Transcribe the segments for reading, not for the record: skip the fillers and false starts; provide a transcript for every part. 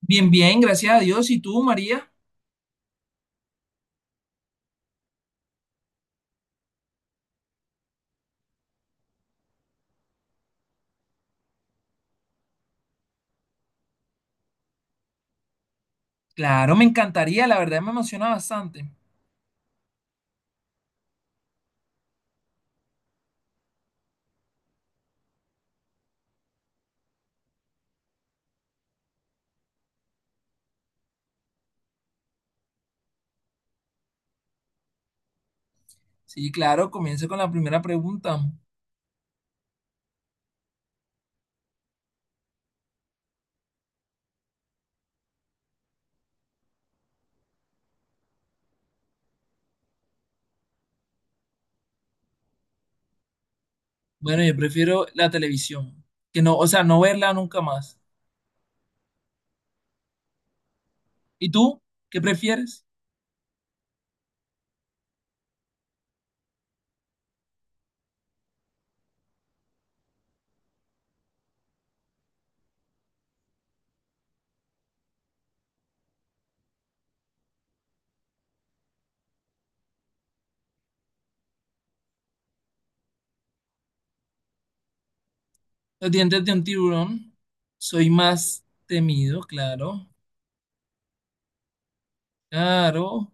Bien, bien, gracias a Dios. ¿Y tú, María? Claro, me encantaría, la verdad me emociona bastante. Sí, claro, comienza con la primera pregunta. Bueno, yo prefiero la televisión, que no, o sea, no verla nunca más. ¿Y tú? ¿Qué prefieres? Los dientes de un tiburón. Soy más temido, claro. Claro.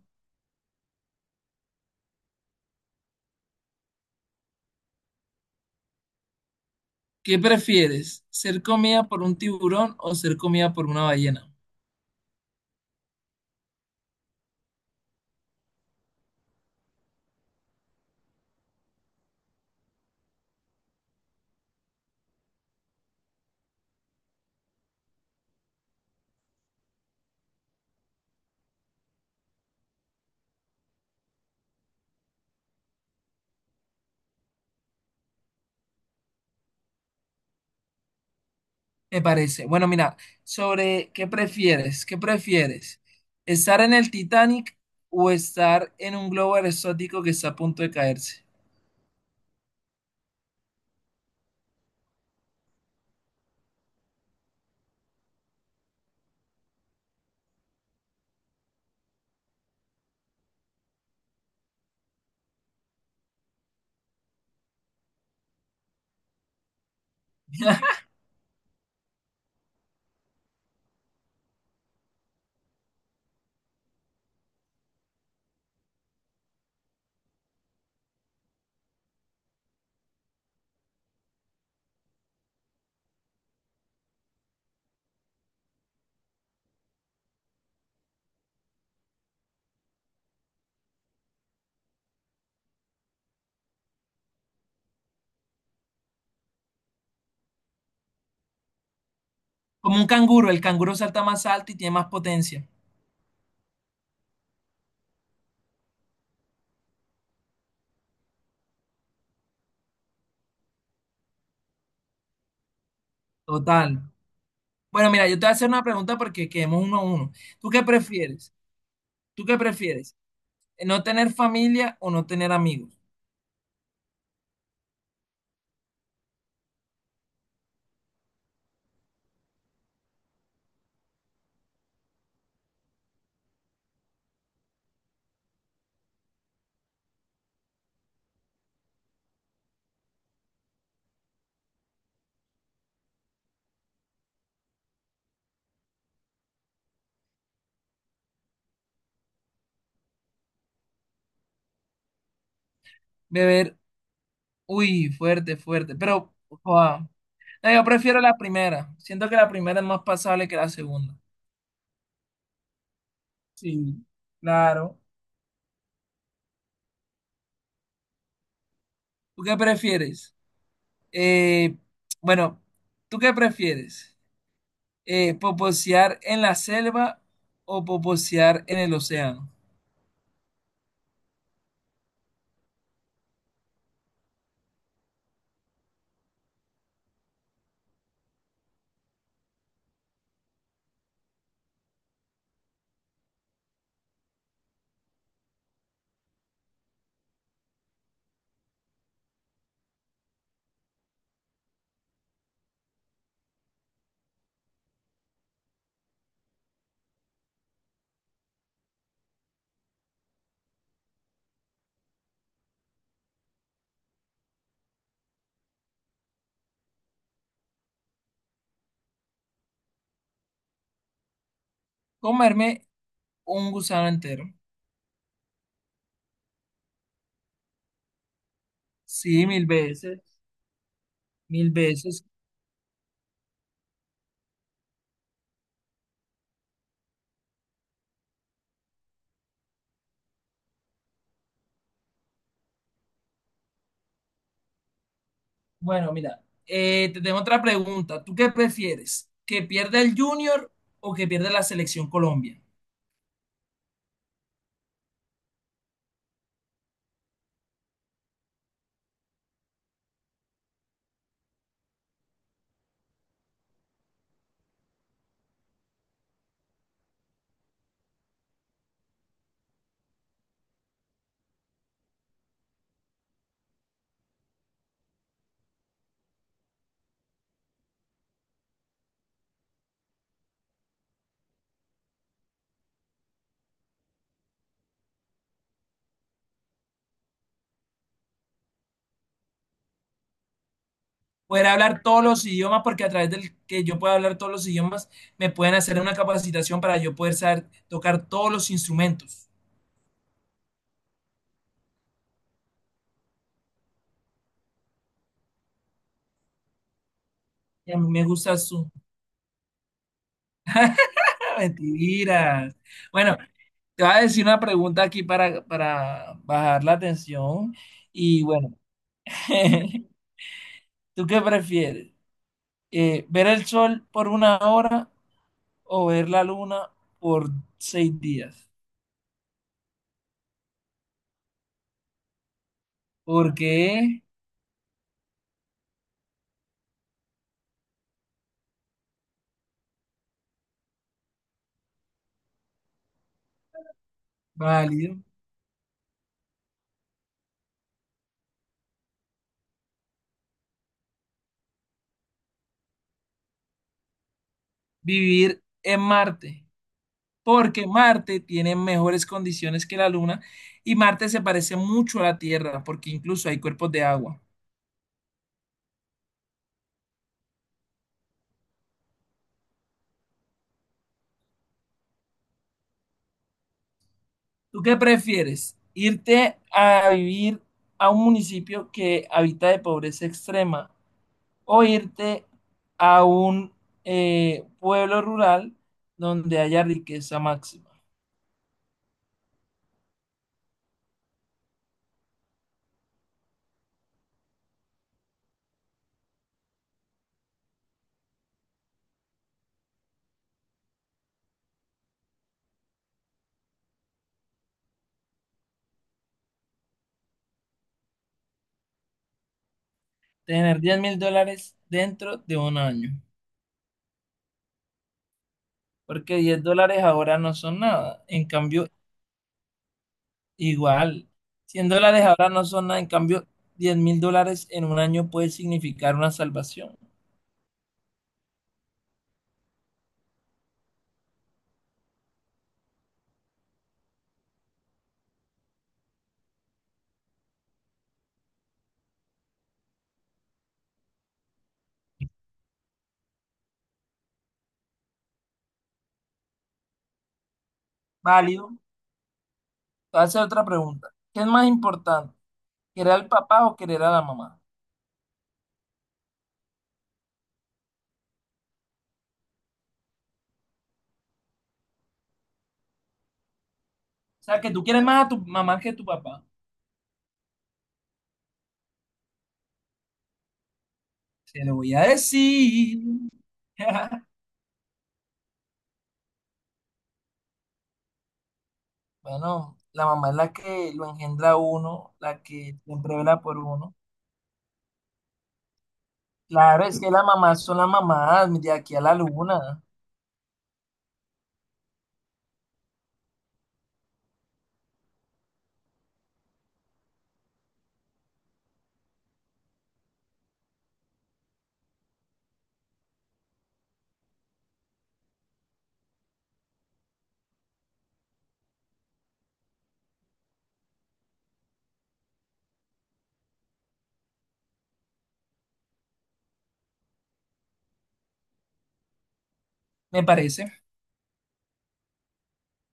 ¿Qué prefieres? ¿Ser comida por un tiburón o ser comida por una ballena? Me parece. Bueno, mira, sobre qué prefieres, ¿qué prefieres? ¿Estar en el Titanic o estar en un globo aerostático que está a punto de caerse? Como un canguro, el canguro salta más alto y tiene más potencia. Total. Bueno, mira, yo te voy a hacer una pregunta porque quedemos uno a uno. ¿Tú qué prefieres? ¿Tú qué prefieres? ¿No tener familia o no tener amigos? Beber, uy, fuerte, fuerte, pero... wow. No, yo prefiero la primera. Siento que la primera es más pasable que la segunda. Sí, claro. ¿Tú qué prefieres? Eh, bueno, ¿tú qué prefieres? ¿Poposear en la selva o poposear en el océano? Comerme un gusano entero. Sí, mil veces, mil veces. Bueno, mira, te tengo otra pregunta. ¿Tú qué prefieres? ¿Que pierda el Junior o que pierda la selección Colombia? Poder hablar todos los idiomas, porque a través del que yo pueda hablar todos los idiomas, me pueden hacer una capacitación para yo poder saber tocar todos los instrumentos. Y a mí me gusta su... ¡Ah, mentiras! Bueno, te voy a decir una pregunta aquí para bajar la tensión. Y bueno, ¿tú qué prefieres? ¿Ver el sol por una hora o ver la luna por 6 días? Porque es válido vivir en Marte, porque Marte tiene mejores condiciones que la Luna y Marte se parece mucho a la Tierra porque incluso hay cuerpos de agua. ¿Tú qué prefieres? ¿Irte a vivir a un municipio que habita de pobreza extrema o irte a un pueblo rural donde haya riqueza máxima? Tener 10.000 dólares dentro de un año, porque 10 dólares ahora no son nada. En cambio, igual, 100 dólares ahora no son nada, en cambio, 10.000 dólares en un año puede significar una salvación. Válido. Te voy a hacer otra pregunta. ¿Qué es más importante? ¿Querer al papá o querer a la mamá? O sea, que tú quieres más a tu mamá que a tu papá. Se lo voy a decir. Bueno, la mamá es la que lo engendra a uno, la que siempre vela por uno. Claro, es que las mamás son las mamás de aquí a la luna. Me parece